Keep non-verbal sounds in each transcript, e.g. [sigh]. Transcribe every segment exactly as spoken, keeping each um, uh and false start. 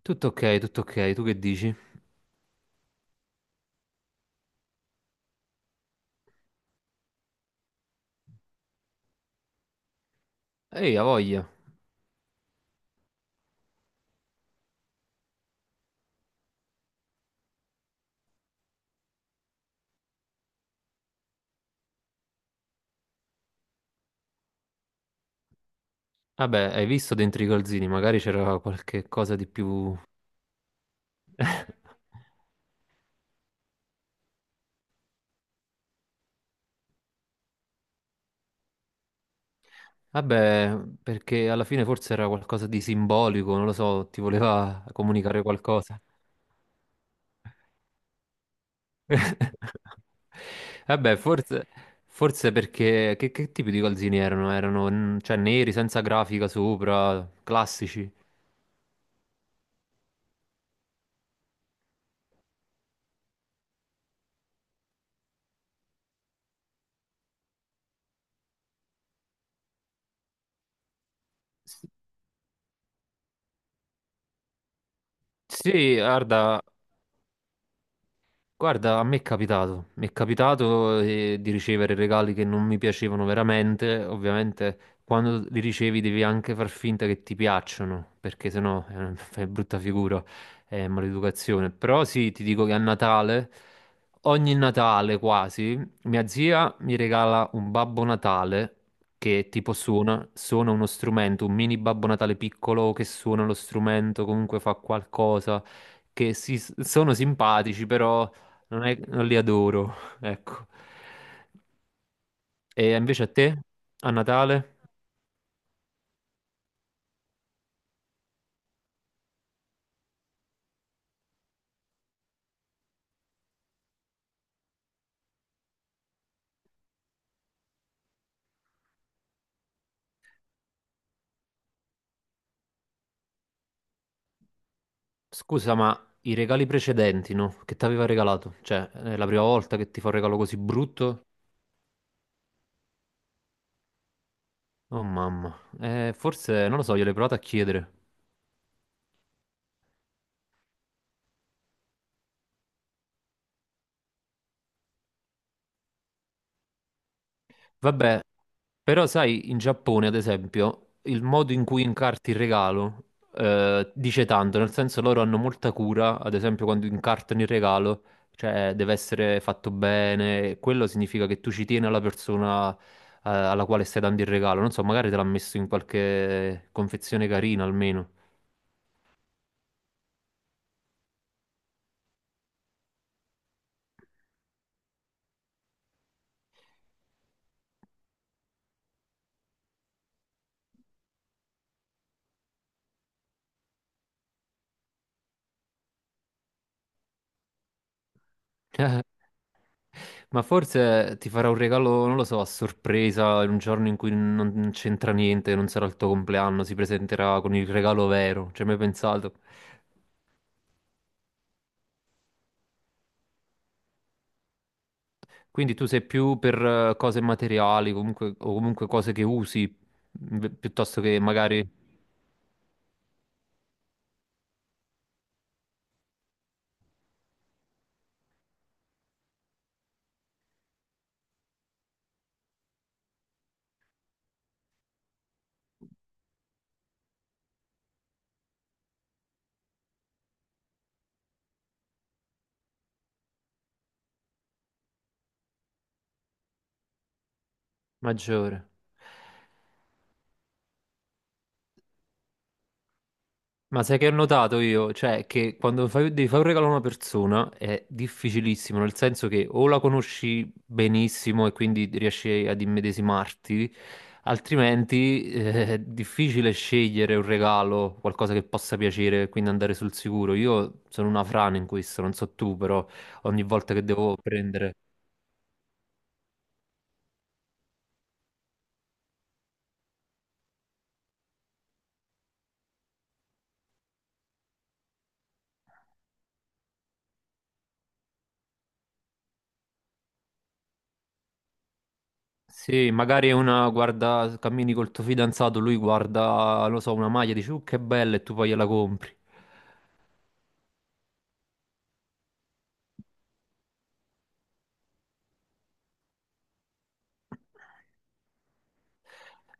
Tutto ok, tutto ok, tu che dici? Ehi, ha voglia. Vabbè, hai visto dentro i calzini, magari c'era qualche cosa di più. [laughs] Vabbè, perché alla fine forse era qualcosa di simbolico, non lo so, ti voleva comunicare qualcosa. [laughs] Vabbè, forse, forse perché... Che, che tipo di calzini erano? Erano, mm, cioè, neri, senza grafica sopra, classici? S- Sì, guarda... Guarda, a me è capitato, mi è capitato eh, di ricevere regali che non mi piacevano veramente, ovviamente quando li ricevi devi anche far finta che ti piacciono, perché sennò eh, [laughs] fai brutta figura, è maleducazione. Però sì, ti dico che a Natale, ogni Natale quasi, mia zia mi regala un Babbo Natale che tipo suona, suona uno strumento, un mini Babbo Natale piccolo che suona lo strumento, comunque fa qualcosa, che si- sono simpatici, però non è- non li adoro, ecco. E invece a te, a Natale, scusa, ma i regali precedenti, no? Che ti aveva regalato? Cioè, è la prima volta che ti fa un regalo così brutto? Oh mamma, eh, forse, non lo so, gliel'ho provato a chiedere. Vabbè, però sai, in Giappone, ad esempio, il modo in cui incarti il regalo eh, dice tanto, nel senso loro hanno molta cura, ad esempio quando incartano il regalo, cioè deve essere fatto bene, e quello significa che tu ci tieni alla persona eh, alla quale stai dando il regalo, non so, magari te l'ha messo in qualche confezione carina almeno. [laughs] Eh, ma forse ti farà un regalo, non lo so, a sorpresa, in un giorno in cui non c'entra niente, non sarà il tuo compleanno, si presenterà con il regalo vero, ci hai mai pensato? Quindi tu sei più per eh, cose materiali, comunque, o comunque cose che usi, mh, piuttosto che magari maggiore. Ma sai che ho notato io? Cioè, che quando fai- devi fare un regalo a una persona è difficilissimo, nel senso che o la conosci benissimo e quindi riesci ad immedesimarti, altrimenti eh, è difficile scegliere un regalo, qualcosa che possa piacere, quindi andare sul sicuro. Io sono una frana in questo, non so tu, però ogni volta che devo prendere... Sì, magari una guarda, cammini col tuo fidanzato, lui guarda, non lo so, una maglia, dici, uh, che bella, e tu poi gliela compri.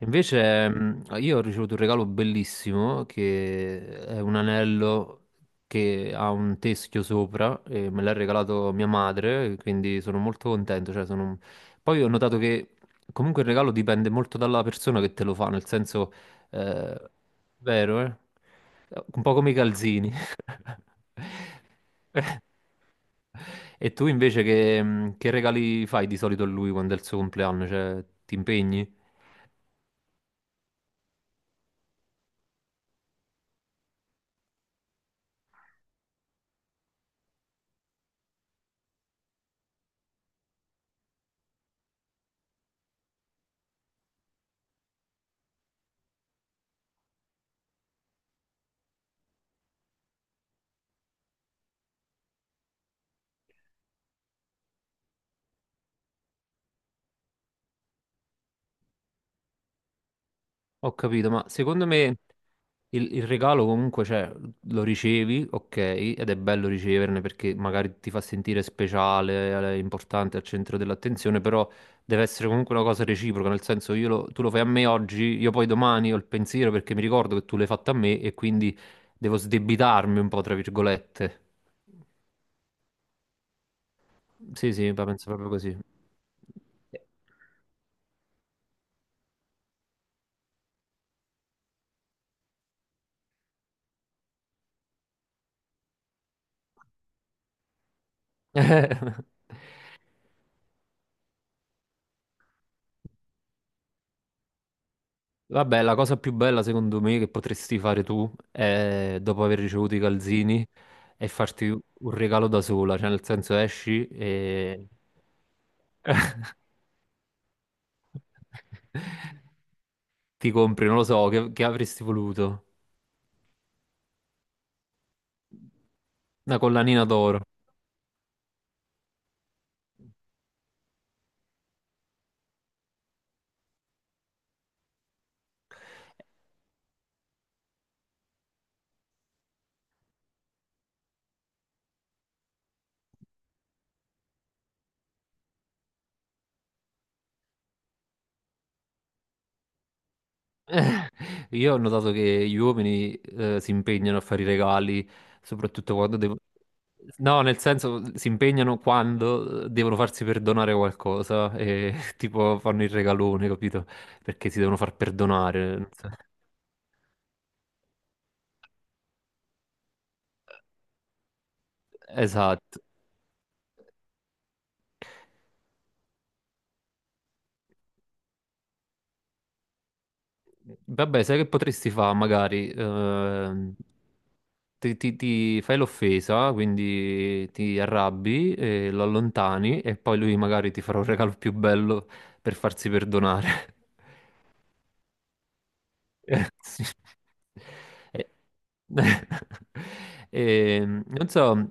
Invece, mh, io ho ricevuto un regalo bellissimo che è un anello che ha un teschio sopra e me l'ha regalato mia madre, quindi sono molto contento. Cioè sono un- poi ho notato che comunque il regalo dipende molto dalla persona che te lo fa, nel senso, eh, vero, eh? Un po' come i calzini. [laughs] E tu invece che, mhmm, che regali fai di solito a lui quando è il suo compleanno? Cioè, ti impegni? Ho capito, ma secondo me il, il regalo comunque, cioè, lo ricevi, ok, ed è bello riceverne perché magari ti fa sentire speciale, eh, importante, al centro dell'attenzione, però deve essere comunque una cosa reciproca, nel senso io lo- tu lo fai a me oggi, io poi domani ho il pensiero perché mi ricordo che tu l'hai fatto a me e quindi devo sdebitarmi un po', tra virgolette. Sì, sì, la penso proprio così. [laughs] [laughs] Vabbè, la cosa più bella secondo me che potresti fare tu è dopo aver ricevuto i calzini è farti un regalo da sola, cioè nel senso esci e [laughs] ti compri, non lo so, che, che avresti voluto? Una collanina d'oro. Io ho notato che gli uomini eh, si impegnano a fare i regali, soprattutto quando devono... No, nel senso, si impegnano quando eh, devono farsi perdonare qualcosa e [laughs] tipo fanno il regalone, capito? Perché si devono far perdonare. Non so. Esatto. Vabbè, sai che potresti fare? Magari ehm, ti, ti- ti fai l'offesa, quindi ti arrabbi, e lo allontani e poi lui magari ti farà un regalo più bello per farsi perdonare. [laughs] [laughs] Sì. Eh, [laughs] ehm, non so,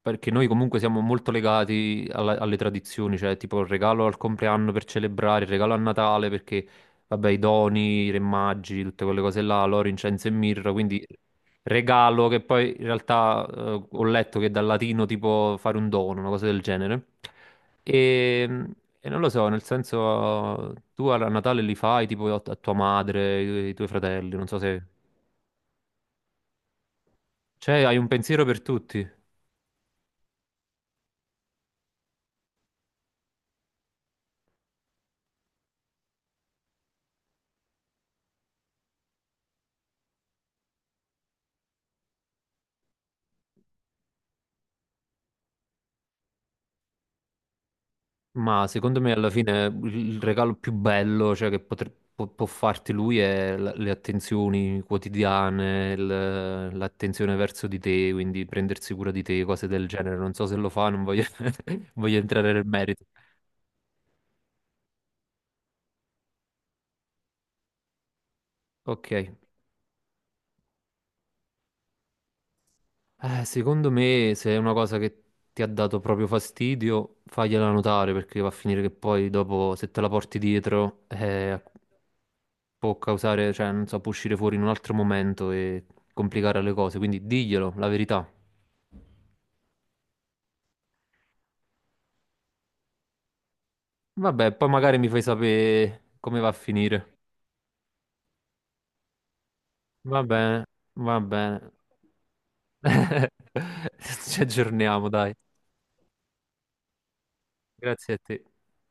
perché noi comunque siamo molto legati alla- alle tradizioni, cioè tipo il regalo al compleanno per celebrare, il regalo a Natale perché, vabbè, i doni, i re magi, tutte quelle cose là, l'oro, incenso e mirra, quindi regalo, che poi in realtà eh, ho letto che dal latino tipo fare un dono, una cosa del genere. E, e non lo so, nel senso, tu a a Natale li fai tipo a, a tua madre, ai, ai tuoi fratelli, non so se... Cioè, hai un pensiero per tutti. Ma secondo me alla fine il il regalo più bello, cioè, che potre- può, può farti lui è la- le attenzioni quotidiane, il- l'attenzione verso di te, quindi prendersi cura di te, cose del genere. Non so se lo fa, non voglio, [laughs] voglio entrare nel merito. Ok. Eh, secondo me, se è una cosa che ti ha dato proprio fastidio, fagliela notare perché va a finire che poi dopo, se te la porti dietro, eh, può causare, cioè, non so, può uscire fuori in un altro momento e complicare le cose. Quindi diglielo, la verità. Vabbè, poi magari mi fai sapere come va a finire. Va bene, va bene. [laughs] Ci aggiorniamo, dai. Grazie a te.